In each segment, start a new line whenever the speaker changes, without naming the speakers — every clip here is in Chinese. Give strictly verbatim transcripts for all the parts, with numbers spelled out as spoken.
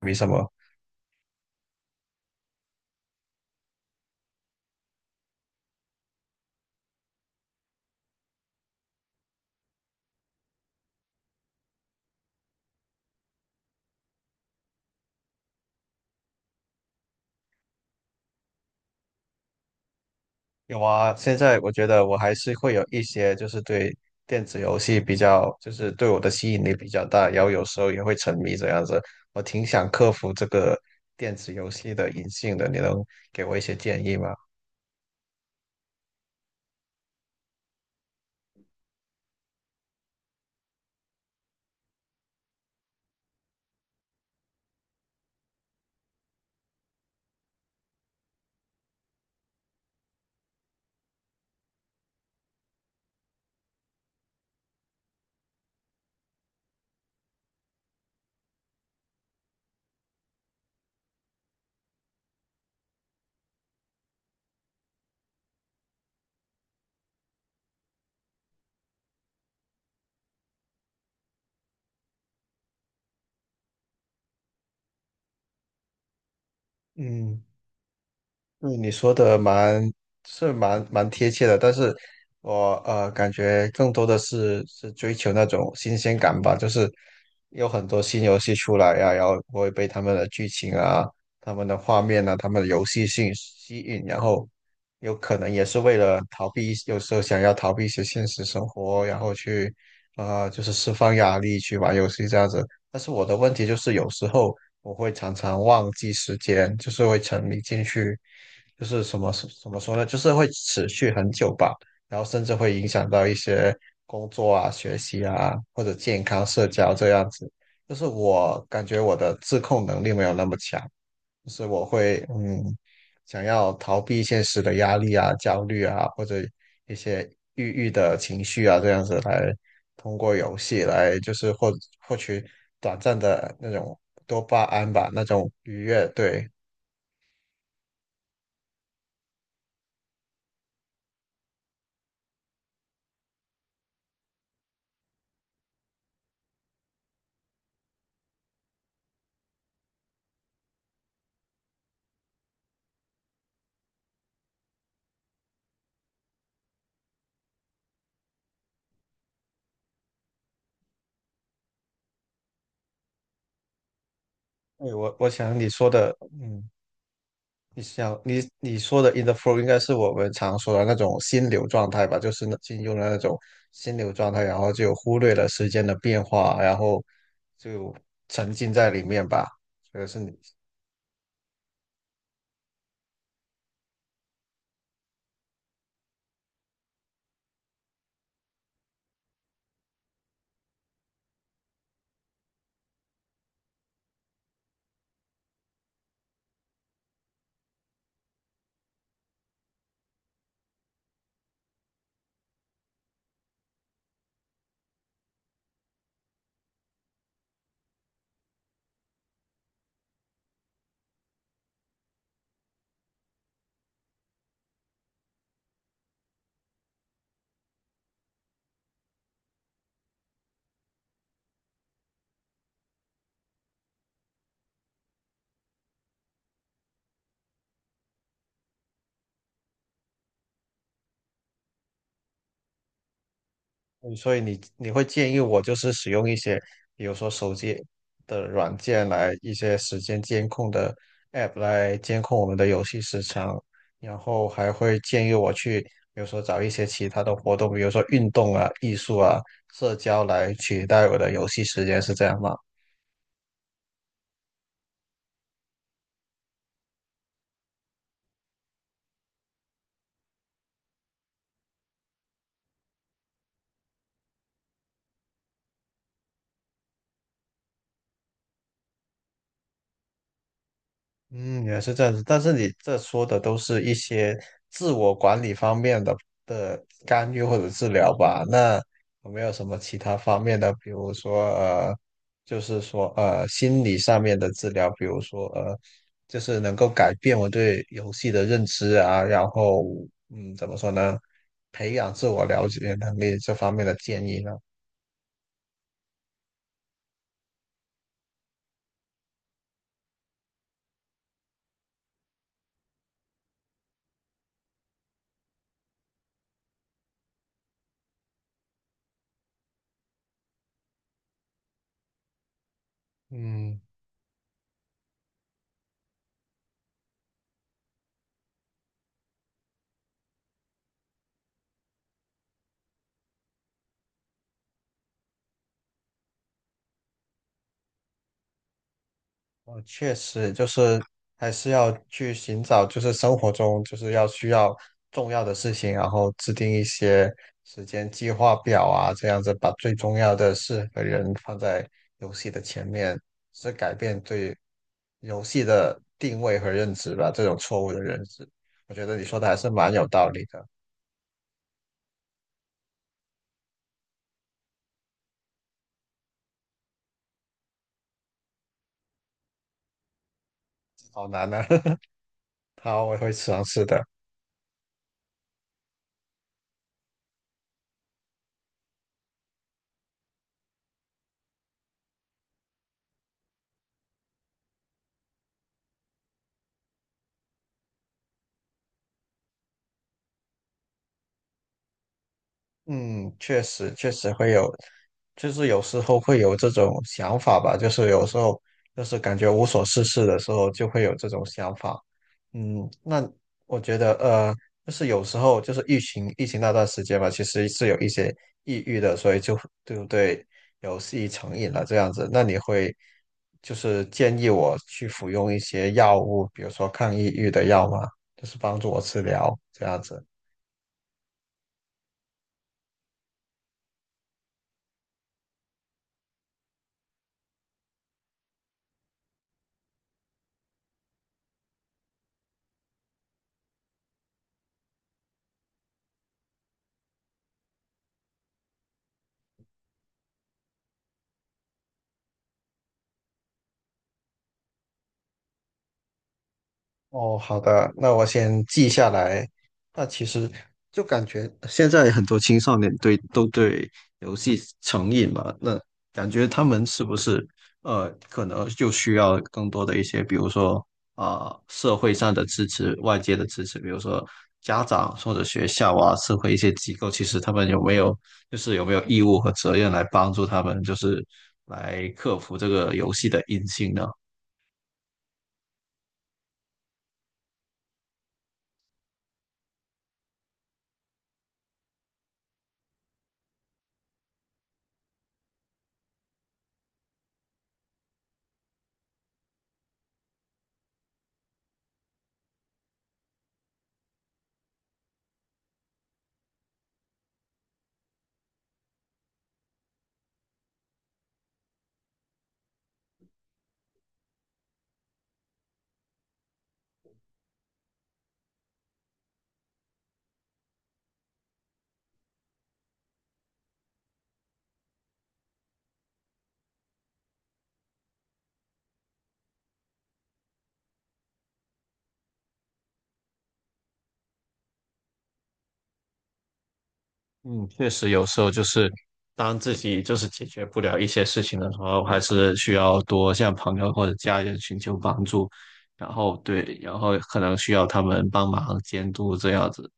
没什么。有啊，现在我觉得我还是会有一些，就是对电子游戏比较，就是对我的吸引力比较大，然后有时候也会沉迷这样子。我挺想克服这个电子游戏的瘾性的，你能给我一些建议吗？嗯，对你说的蛮是蛮蛮贴切的，但是我呃感觉更多的是是追求那种新鲜感吧，就是有很多新游戏出来呀、然后我会被他们的剧情啊、他们的画面啊、他们的游戏性吸引，然后有可能也是为了逃避一有时候想要逃避一些现实生活，然后去呃就是释放压力去玩游戏这样子。但是我的问题就是有时候我会常常忘记时间，就是会沉迷进去。就是什么怎么说呢？就是会持续很久吧，然后甚至会影响到一些工作啊、学习啊，或者健康、社交这样子。就是我感觉我的自控能力没有那么强，就是我会嗯，想要逃避现实的压力啊、焦虑啊，或者一些抑郁的情绪啊，这样子来通过游戏来就是获获取短暂的那种多巴胺吧，那种愉悦。对，对我我想你说的，嗯。你想你你说的 in the flow 应该是我们常说的那种心流状态吧，就是那进入了那种心流状态，然后就忽略了时间的变化，然后就沉浸在里面吧。这个是你嗯所以你你会建议我就是使用一些，比如说手机的软件来一些时间监控的 app 来监控我们的游戏时长，然后还会建议我去，比如说找一些其他的活动，比如说运动啊、艺术啊、社交来取代我的游戏时间，是这样吗？嗯，也是这样子，但是你这说的都是一些自我管理方面的的干预或者治疗吧？那有没有什么其他方面的，比如说呃，就是说呃心理上面的治疗，比如说呃，就是能够改变我对游戏的认知啊，然后嗯，怎么说呢，培养自我了解能力这方面的建议呢？嗯。哦，确实就是还是要去寻找，就是生活中就是要需要重要的事情，然后制定一些时间计划表啊，这样子把最重要的事和人放在游戏的前面，是改变对游戏的定位和认知吧，这种错误的认知，我觉得你说的还是蛮有道理的。好难啊！好，我会尝试的。嗯，确实确实会有，就是有时候会有这种想法吧，就是有时候就是感觉无所事事的时候就会有这种想法。嗯，那我觉得呃，就是有时候就是疫情疫情那段时间嘛，其实是有一些抑郁的，所以就对不对，有戏成瘾了这样子。那你会就是建议我去服用一些药物，比如说抗抑郁的药吗？就是帮助我治疗这样子。哦，好的，那我先记下来。那其实就感觉现在很多青少年对都对游戏成瘾嘛，那感觉他们是不是呃，可能就需要更多的一些，比如说啊、社会上的支持、外界的支持，比如说家长或者学校啊，社会一些机构，其实他们有没有就是有没有义务和责任来帮助他们，就是来克服这个游戏的瘾性呢？嗯，确实有时候就是当自己就是解决不了一些事情的时候，还是需要多向朋友或者家人寻求帮助，然后对，然后可能需要他们帮忙监督这样子。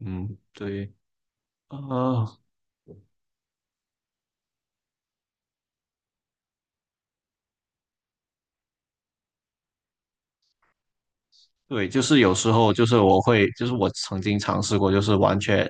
嗯，对啊，对，就是有时候就是我会，就是我曾经尝试过，就是完全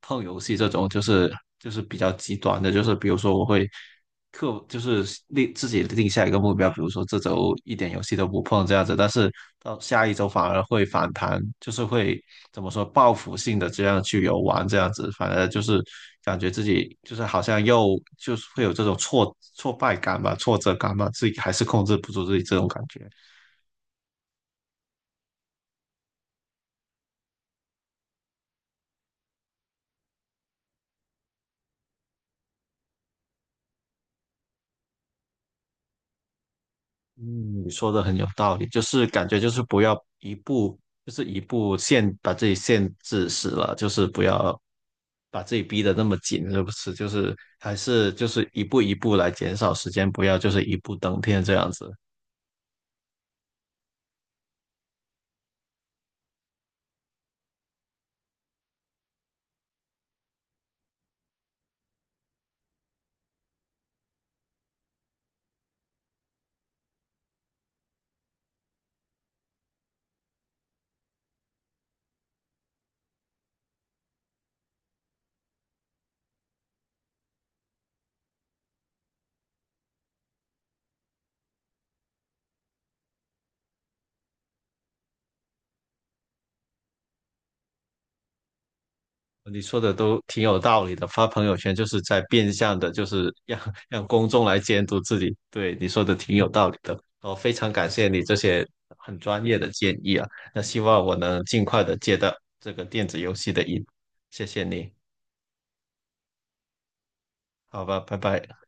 碰游戏这种，就是就是比较极端的，就是比如说我会刻，就是立自己定下一个目标，比如说这周一点游戏都不碰这样子，但是到下一周反而会反弹，就是会怎么说报复性的这样去游玩这样子，反而就是感觉自己就是好像又就是会有这种挫挫败感吧，挫折感吧，自己还是控制不住自己这种感觉。嗯，你说的很有道理，就是感觉就是不要一步，就是一步限把自己限制死了，就是不要把自己逼得那么紧，是不是？就是还是就是一步一步来减少时间，不要就是一步登天这样子。你说的都挺有道理的，发朋友圈就是在变相的，就是让让公众来监督自己。对，你说的挺有道理的，哦，非常感谢你这些很专业的建议啊。那希望我能尽快的戒掉这个电子游戏的瘾，谢谢你。好吧，拜拜。